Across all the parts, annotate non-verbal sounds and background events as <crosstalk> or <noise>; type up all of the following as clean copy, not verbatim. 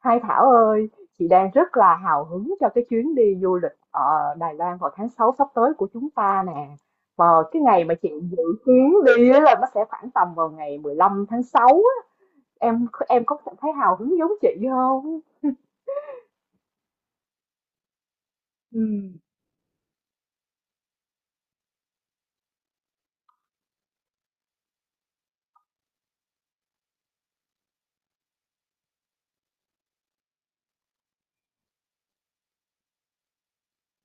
Hai Thảo ơi, chị đang rất là hào hứng cho cái chuyến đi du lịch ở Đài Loan vào tháng 6 sắp tới của chúng ta nè. Và cái ngày mà chị dự kiến đi á là nó sẽ khoảng tầm vào ngày 15 tháng sáu á. Em có cảm thấy hào hứng giống chị không? Ừ.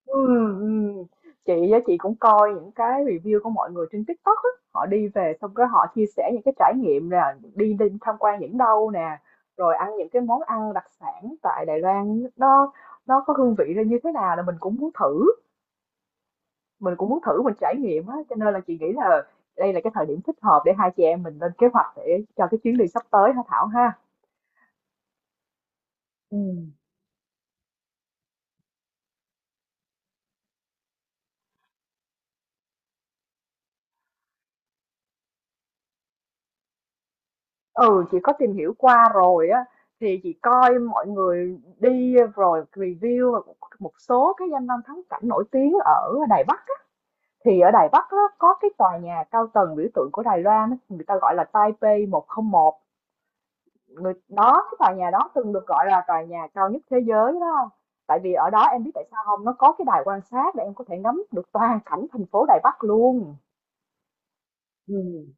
Ừm. Chị á, chị cũng coi những cái review của mọi người trên TikTok á, họ đi về xong cái họ chia sẻ những cái trải nghiệm là đi đi tham quan những đâu nè, rồi ăn những cái món ăn đặc sản tại Đài Loan nó có hương vị ra như thế nào là mình cũng muốn thử, mình cũng muốn thử mình trải nghiệm á, cho nên là chị nghĩ là đây là cái thời điểm thích hợp để hai chị em mình lên kế hoạch để cho cái chuyến đi sắp tới hả Thảo ha. Ừ. Ừ, chị có tìm hiểu qua rồi á thì chị coi mọi người đi rồi review và một một số cái danh lam thắng cảnh nổi tiếng ở Đài Bắc á. Thì ở Đài Bắc á, có cái tòa nhà cao tầng biểu tượng của Đài Loan á, người ta gọi là Taipei 101 người đó cái tòa nhà đó từng được gọi là tòa nhà cao nhất thế giới đó không? Tại vì ở đó em biết tại sao không, nó có cái đài quan sát để em có thể ngắm được toàn cảnh thành phố Đài Bắc luôn. Ừ.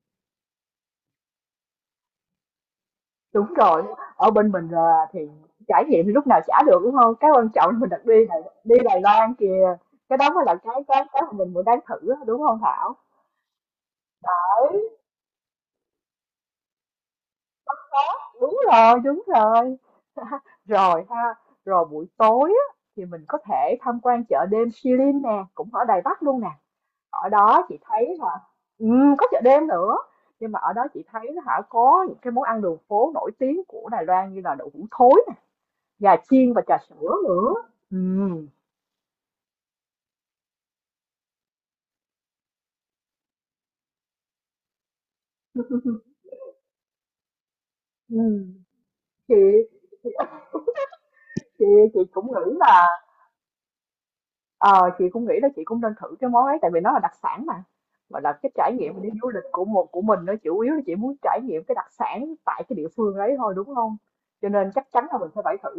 Đúng rồi, ở bên mình là thì trải nghiệm thì lúc nào chả được, đúng hông? Cái quan trọng là mình đặt đi Đài Loan kìa, cái đó mới là cái mà mình muốn đang thử á, đúng không Thảo? Đấy, đúng rồi, đúng rồi. Rồi ha, rồi buổi tối á, thì mình có thể tham quan chợ đêm Shilin nè, cũng ở Đài Bắc luôn nè. Ở đó chị thấy là có chợ đêm nữa, nhưng mà ở đó chị thấy á hả, có những cái món ăn đường phố nổi tiếng của Đài Loan như là đậu hũ thối nè, gà chiên và trà sữa nữa. Ừ. ừm. Chị chị chị cũng nghĩ là ờ, chị cũng nghĩ là chị cũng nên thử cái món ấy tại vì nó là đặc sản mà. Gọi là cái trải nghiệm đi du lịch của một của mình nó chủ yếu là chị muốn trải nghiệm cái đặc sản tại cái địa phương ấy thôi đúng không? Cho nên chắc chắn là mình sẽ phải thử.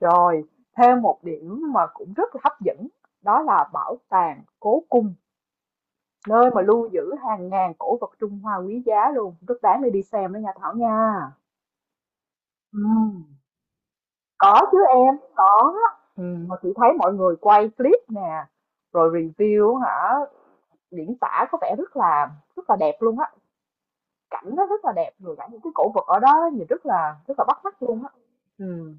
Rồi, thêm một điểm mà cũng rất là hấp dẫn đó là bảo tàng Cố Cung, nơi mà lưu giữ hàng ngàn cổ vật Trung Hoa quý giá luôn, rất đáng để đi xem đó nha Thảo nha. Ừ. Có chứ em, có. Ừ. Mà chị thấy mọi người quay clip nè, rồi review hả, diễn tả có vẻ rất là đẹp luôn á, cảnh nó rất là đẹp, rồi cả những cái cổ vật ở đó nhìn rất là bắt mắt luôn á. Ừ.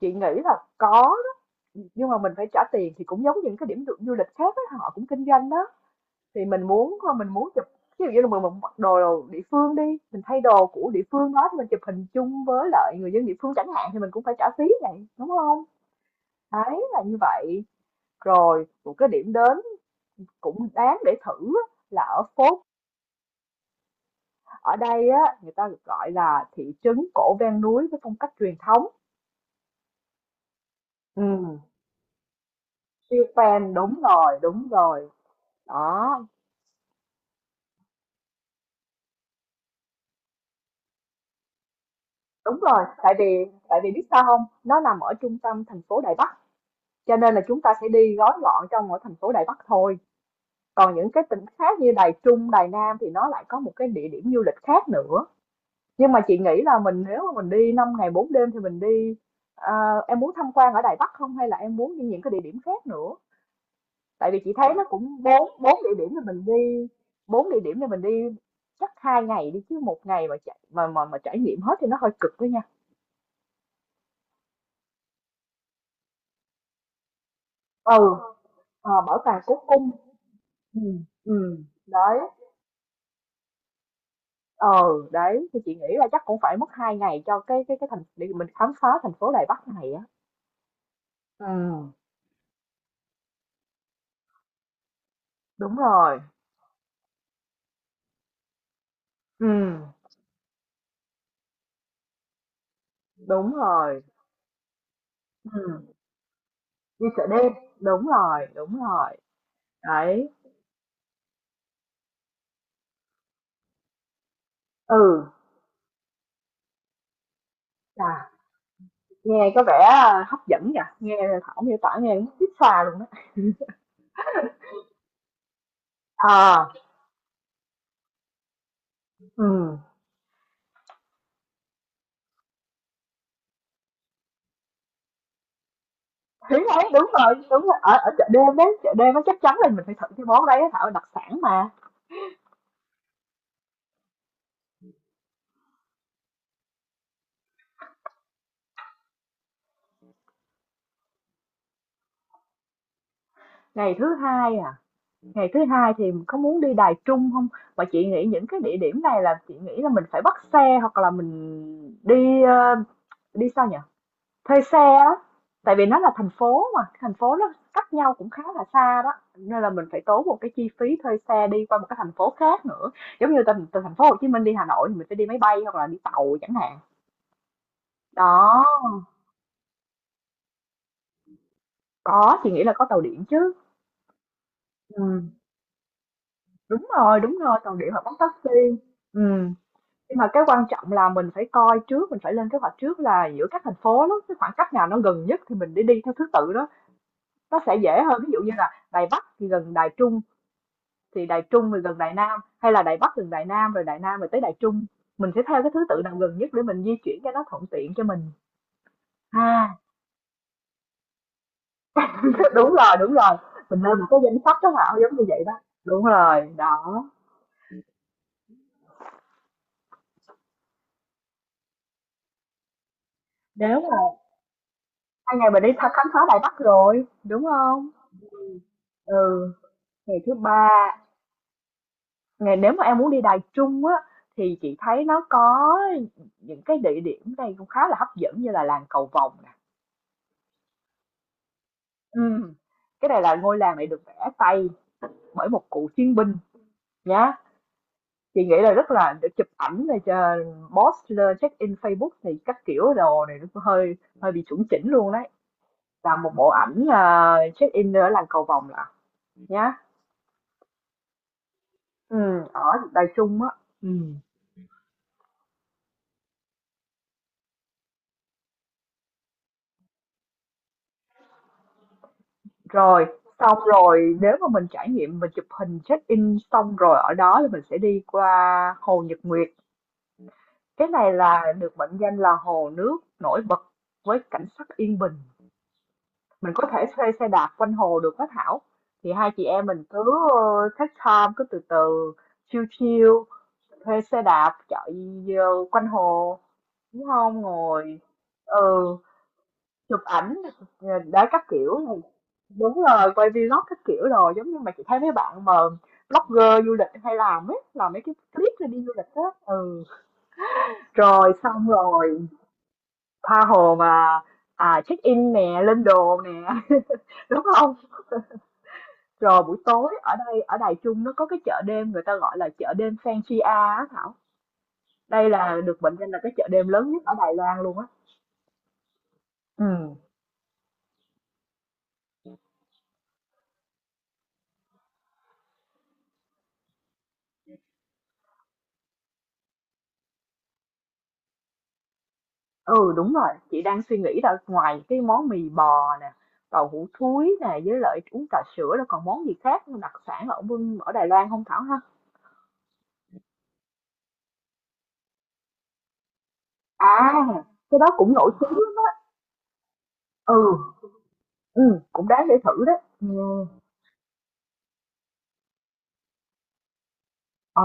Chị nghĩ là có đó, nhưng mà mình phải trả tiền thì cũng giống những cái điểm du du lịch khác á, họ cũng kinh doanh đó. Thì mình muốn chụp, ví dụ như là mình mặc đồ địa phương đi, mình thay đồ của địa phương đó thì mình chụp hình chung với lại người dân địa phương chẳng hạn thì mình cũng phải trả phí này, đúng không? Đấy, là như vậy. Rồi, một cái điểm đến cũng đáng để thử á, là ở Phốt. Ở đây á, người ta được gọi là thị trấn cổ ven núi với phong cách truyền thống. Ừ. Siêu fan, đúng rồi, đúng rồi. Đó, đúng rồi. Tại vì biết sao không? Nó nằm ở trung tâm thành phố Đài Bắc. Cho nên là chúng ta sẽ đi gói gọn trong ở thành phố Đài Bắc thôi. Còn những cái tỉnh khác như Đài Trung, Đài Nam thì nó lại có một cái địa điểm du lịch khác nữa. Nhưng mà chị nghĩ là mình nếu mà mình đi 5 ngày 4 đêm thì mình đi ờ, em muốn tham quan ở Đài Bắc không hay là em muốn đi những cái địa điểm khác nữa, tại vì chị thấy nó cũng bốn bốn địa điểm thì mình đi bốn địa điểm thì mình đi chắc hai ngày đi chứ một ngày mà chạy mà trải nghiệm hết thì nó hơi cực đó nha. Ừ. Ờ, bảo tàng cố cung. Ừ. Ừ. Đấy. Ờ. Đấy thì chị nghĩ là chắc cũng phải mất hai ngày cho cái cái thành để mình khám phá thành phố Đài Bắc này á. Ừ. Đúng rồi. Ừ. Đúng rồi. Ừ. Đi chợ đêm, đúng rồi, đấy. Ừ, à nghe có vẻ, à, hấp dẫn nhỉ, nghe Thảo miêu tả nghe muốn xuýt xoa luôn á. Ờ, ừ thế đấy, đúng rồi, ở ở chợ đêm đấy, chợ đêm nó chắc chắn là mình phải thử cái món đấy á Thảo, đặc sản mà. Ngày thứ Hai à, ngày thứ Hai thì có muốn đi Đài Trung không? Mà chị nghĩ những cái địa điểm này là chị nghĩ là mình phải bắt xe hoặc là mình đi, ơ, đi sao nhỉ? Thuê xe á, tại vì nó là thành phố mà, thành phố nó cách nhau cũng khá là xa đó, nên là mình phải tốn một cái chi phí thuê xe đi qua một cái thành phố khác nữa. Giống như từ từ thành phố Hồ Chí Minh đi Hà Nội thì mình phải đi máy bay hoặc là đi tàu chẳng hạn. Đó, có, chị nghĩ là có tàu điện chứ. Ừm, đúng rồi, tàu điện hoặc bắt taxi. Ừ, nhưng mà cái quan trọng là mình phải coi trước, mình phải lên kế hoạch trước là giữa các thành phố đó, cái khoảng cách nào nó gần nhất thì mình đi đi theo thứ tự đó. Nó sẽ dễ hơn, ví dụ như là Đài Bắc thì gần Đài Trung thì gần Đài Nam, hay là Đài Bắc gần Đài Nam rồi tới Đài Trung, mình sẽ theo cái thứ tự nào gần nhất để mình di chuyển cho nó thuận tiện cho mình ha. <laughs> À, đúng rồi đúng rồi, mình lên một cái danh sách đó Thảo, giống như vậy đó, đúng rồi đó. Nếu mà hai ngày mình đi khám phá Đài Bắc rồi đúng không? Ừ. Ngày thứ ba. Nếu mà em muốn đi Đài Trung á thì chị thấy nó có những cái địa điểm đây cũng khá là hấp dẫn như là làng Cầu Vồng nè. Ừ. Cái này là ngôi làng này được vẽ tay bởi một cựu chiến binh nhá. Chị nghĩ là rất là để chụp ảnh này, cho post lên check-in Facebook thì các kiểu đồ này nó hơi hơi bị chuẩn chỉnh luôn đấy. Làm một bộ ảnh à, check-in ở làng Cầu Vồng là nhá. Ừ, ở Đài Trung á. Ừ. Rồi, xong rồi nếu mà mình trải nghiệm mình chụp hình check-in xong rồi ở đó thì mình sẽ đi qua Hồ Nhật Nguyệt. Cái này là được mệnh danh là hồ nước nổi bật với cảnh sắc yên bình, mình có thể thuê xe đạp quanh hồ được đó Thảo, thì hai chị em mình cứ take time cứ từ từ, chill chill, thuê xe đạp chạy quanh hồ, đúng không, ngồi, ừ, chụp ảnh, ờ, các kiểu này. Đúng rồi quay vlog các kiểu, rồi giống như mà chị thấy mấy bạn mà blogger du lịch hay làm ấy, làm mấy cái clip để đi du lịch á. Ừ. Rồi xong rồi tha hồ mà, à, check in nè, lên đồ nè <laughs> đúng không? Rồi buổi tối ở đây ở Đài Trung nó có cái chợ đêm người ta gọi là chợ đêm Fansia á Thảo. Đây là được mệnh danh là cái chợ đêm lớn nhất ở Đài Loan luôn á. Ừ. Ừ đúng rồi, chị đang suy nghĩ là ngoài cái món mì bò nè, tàu hũ thúi nè với lại uống trà sữa là còn món gì khác đặc sản ở ở Đài Loan không Thảo ha? À, cái đó cũng nổi tiếng lắm á. Ừ, ừ, cũng đáng để thử đấy. Ừ. Ờ.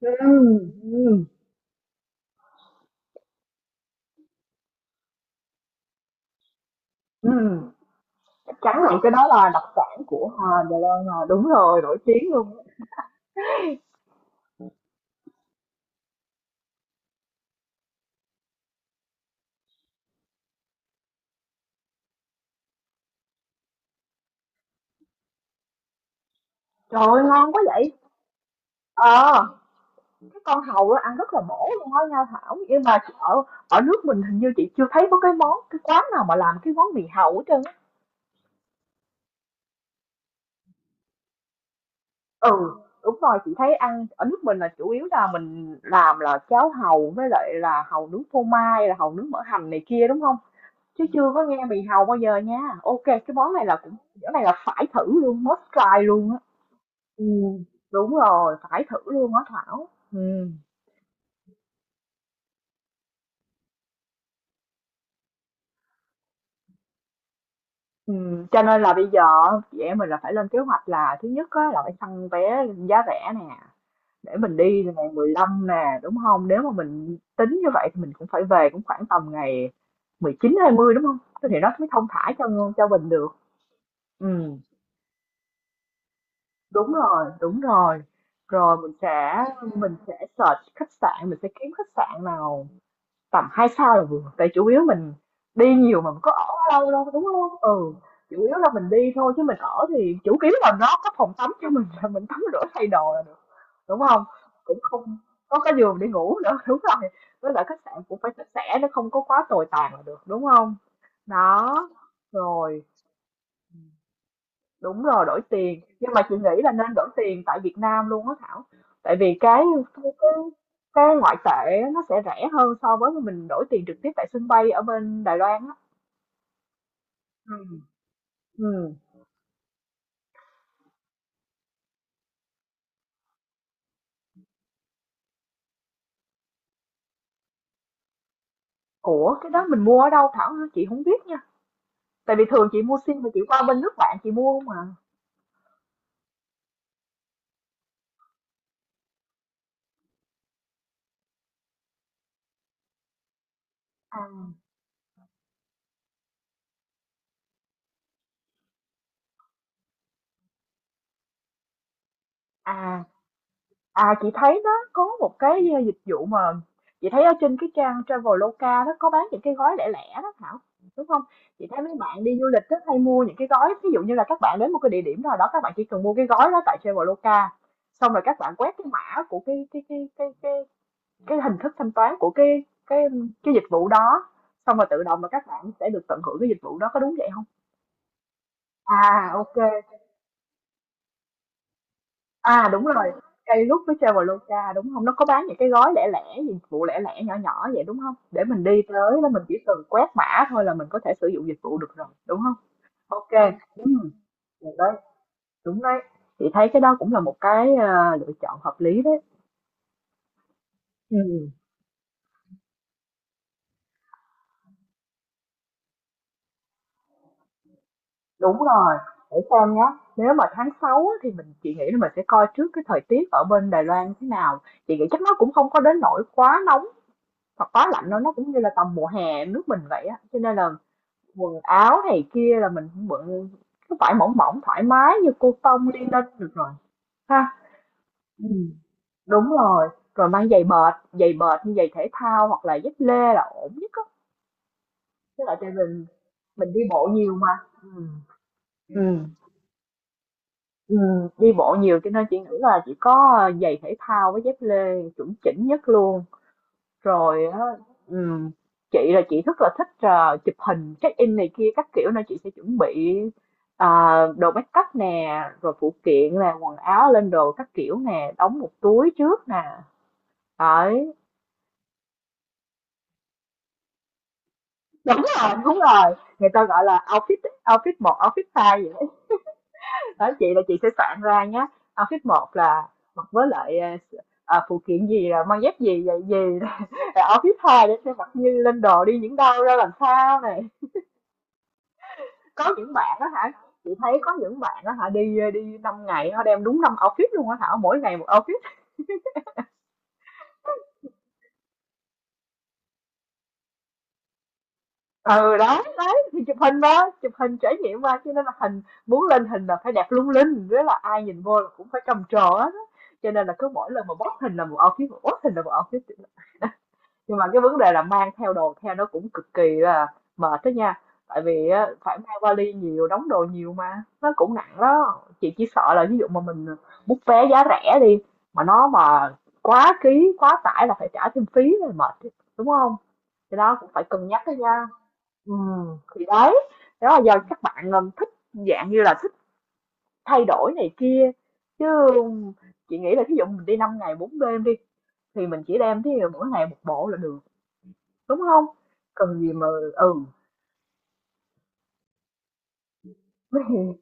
Ừ. Ừ. Ừ. Tráng miệng cái đó là đặc sản của Hà Đà. À, đúng rồi, nổi tiếng luôn. Trời ơi, ngon quá vậy! Ờ, cái con hàu đó ăn rất là bổ luôn á nha Thảo, nhưng mà ở ở nước mình hình như chị chưa thấy có cái món cái quán nào mà làm cái món mì hàu hết trơn á. Ừ, đúng rồi, chị thấy ăn ở nước mình là chủ yếu là mình làm là cháo hàu với lại là hàu nướng phô mai, là hàu nướng mỡ hành này kia đúng không? Chứ chưa có nghe mì hàu bao giờ nha. Ok, cái món này là cũng cái này là phải thử luôn, must try luôn á. Ừm, đúng rồi, phải thử luôn á Thảo. Ừ. Cho nên là bây giờ chị em mình là phải lên kế hoạch là thứ nhất á, là phải săn vé giá rẻ nè, để mình đi là ngày 15 nè đúng không? Nếu mà mình tính như vậy thì mình cũng phải về cũng khoảng tầm ngày mười chín hai mươi đúng không? Thế thì nó mới thông thả cho mình được. Ừ. Đúng rồi, đúng rồi. Rồi mình sẽ mình sẽ search khách sạn, mình sẽ kiếm khách sạn nào tầm 2 sao là vừa, tại chủ yếu mình đi nhiều mà mình có ở lâu đâu đúng không. Ừ, chủ yếu là mình đi thôi chứ mình ở thì chủ yếu là nó có phòng tắm cho mình là mình tắm rửa thay đồ là được đúng không, cũng không có cái giường để ngủ nữa <laughs> đúng rồi, với lại khách sạn cũng phải sạch sẽ, nó không có quá tồi tàn là được đúng không. Đó, rồi. Đúng rồi, đổi tiền, nhưng mà chị nghĩ là nên đổi tiền tại Việt Nam luôn á Thảo. Tại vì cái ngoại tệ á, nó sẽ rẻ hơn so với mình đổi tiền trực tiếp tại sân bay ở bên Đài Loan á. Ừ. Ừ. Ủa cái đó mình mua ở đâu Thảo hả? Chị không biết nha. Tại vì thường chị mua sim mà chị qua bên nước bạn chị mua không à. À, À, À, chị thấy nó có một cái dịch vụ mà chị thấy ở trên cái trang Traveloka nó có bán những cái gói lẻ lẻ đó Thảo đúng không? Chị thấy mấy bạn đi du lịch rất hay mua những cái gói, ví dụ như là các bạn đến một cái địa điểm nào đó, các bạn chỉ cần mua cái gói đó tại Traveloka, xong rồi các bạn quét cái mã của cái hình thức thanh toán của cái dịch vụ đó, xong rồi tự động là các bạn sẽ được tận hưởng cái dịch vụ đó, có đúng vậy không? À, ok. À, đúng rồi, cây rút với Traveloka, đúng không? Nó có bán những cái gói lẻ lẻ, dụng cụ lẻ lẻ nhỏ nhỏ vậy, đúng không? Để mình đi tới là mình chỉ cần quét mã thôi là mình có thể sử dụng dịch vụ được rồi, đúng không? Ok, kê, được đấy, đúng đấy. Chị thấy cái đó cũng là một cái, ờ, lựa chọn hợp lý đấy. Ừm, đúng rồi, để xem nhá, nếu mà tháng 6 á thì chị nghĩ là mình sẽ coi trước cái thời tiết ở bên Đài Loan thế nào. Chị nghĩ chắc nó cũng không có đến nỗi quá nóng hoặc quá lạnh đâu, nó cũng như là tầm mùa hè nước mình vậy, á, cho nên là quần áo này kia là mình cũng bận cái vải mỏng mỏng thoải mái như cô tông đi lên được rồi ha. Ừ. Đúng rồi, rồi mang giày bệt như giày thể thao hoặc là dép lê là ổn nhất á. Tức là tại mình đi bộ nhiều mà. Ừ. Ừ. Ừ. Đi bộ nhiều cho nên chị nghĩ là chỉ có giày thể thao với dép lê chuẩn chỉnh nhất luôn. Rồi á, ừm, chị là chị rất là thích, ờ, chụp hình check-in này kia các kiểu nên chị sẽ chuẩn bị, ờ, đồ make up nè, rồi phụ kiện nè, quần áo lên đồ các kiểu nè, đóng một túi trước nè. Đấy. Đúng rồi, đúng rồi. Người ta gọi là outfit outfit một, outfit hai vậy. Đấy. Đó, chị là chị sẽ soạn ra nhé. Outfit một là mặc với lại, ờ, phụ kiện gì là mang dép gì vậy gì. <laughs> Outfit hai để sẽ mặc như lên đồ đi những đâu ra làm sao này. Có những bạn đó hả, chị thấy có những bạn đó hả, đi đi 5 ngày họ đem đúng 5 outfit luôn á Thảo, mỗi ngày một outfit. Ừ, đó đấy, thì chụp hình đó, chụp hình trải nghiệm qua cho nên là hình muốn lên hình là phải đẹp lung linh, với là ai nhìn vô là cũng phải trầm trồ hết á. Cho nên là cứ mỗi lần mà post hình là một outfit, mà post hình là một outfit. Nhưng mà cái vấn đề là mang theo đồ theo nó cũng cực kỳ là mệt đó nha, tại vì á, phải mang vali nhiều, đóng đồ nhiều mà nó cũng nặng đó. Chị chỉ sợ là ví dụ mà mình bút vé giá rẻ đi mà nó mà quá ký quá tải là phải trả thêm phí rồi, mệt chứ, đúng không. Thì đó cũng phải cân nhắc đó nha. Ừ, thì đấy, đó là do các bạn thích dạng như là thích thay đổi này kia, chứ chị nghĩ là ví dụ mình đi 5 ngày 4 đêm đi thì mình chỉ đem cái mỗi ngày một bộ là được. Đúng không? Cần gì mà. Ừ. <laughs>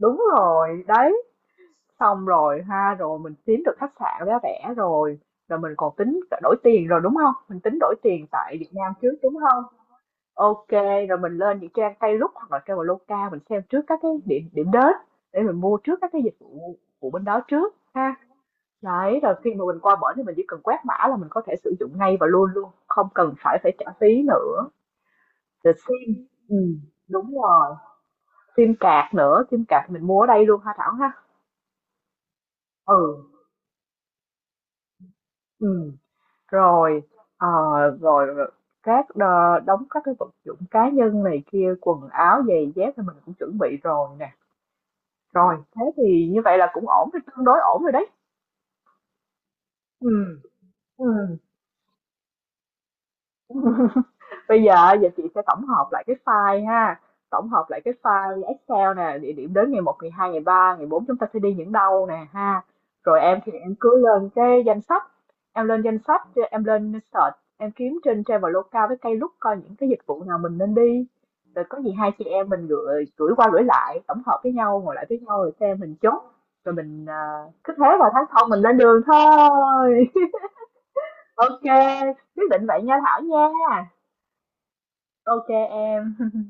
Đúng rồi, đấy, xong rồi ha, rồi mình kiếm được khách sạn giá rẻ rồi, rồi mình còn tính đổi tiền rồi, đúng không? Mình tính đổi tiền tại Việt Nam trước, đúng không? Ok, rồi mình lên những trang Klook hoặc là Traveloka mình xem trước các cái điểm điểm đến để mình mua trước các cái dịch vụ của bên đó trước ha. Đấy, rồi khi mà mình qua bển thì mình chỉ cần quét mã là mình có thể sử dụng ngay và luôn luôn, không cần phải phải trả phí nữa, rồi sim, ừ, đúng rồi. Sim card nữa, sim card mình mua ở đây luôn hả Thảo ha? Ừ, ừ, rồi, ờ, rồi các đ đóng các cái vật dụng cá nhân này kia, quần áo, giày dép thì mình cũng chuẩn bị rồi nè. Rồi, thế thì như vậy là cũng ổn rồi, tương đối ổn rồi đấy. Ừ. Ừ. Bây giờ giờ chị sẽ tổng hợp lại cái file ha, tổng hợp lại cái file Excel nè, địa điểm đến ngày một, ngày hai, ngày ba, ngày 4 chúng ta sẽ đi những đâu nè ha. Rồi em thì em cứ lên cái danh sách, em lên danh sách, em lên search, em kiếm trên Traveloka với cây Klook coi những cái dịch vụ nào mình nên đi. Rồi có gì hai chị em mình gửi gửi qua gửi lại, tổng hợp với nhau, ngồi lại với nhau rồi xem mình chốt. Rồi mình à, cứ thế vào tháng sau mình lên đường thôi. <laughs> Ok, quyết định vậy nha Thảo nha. Ok em.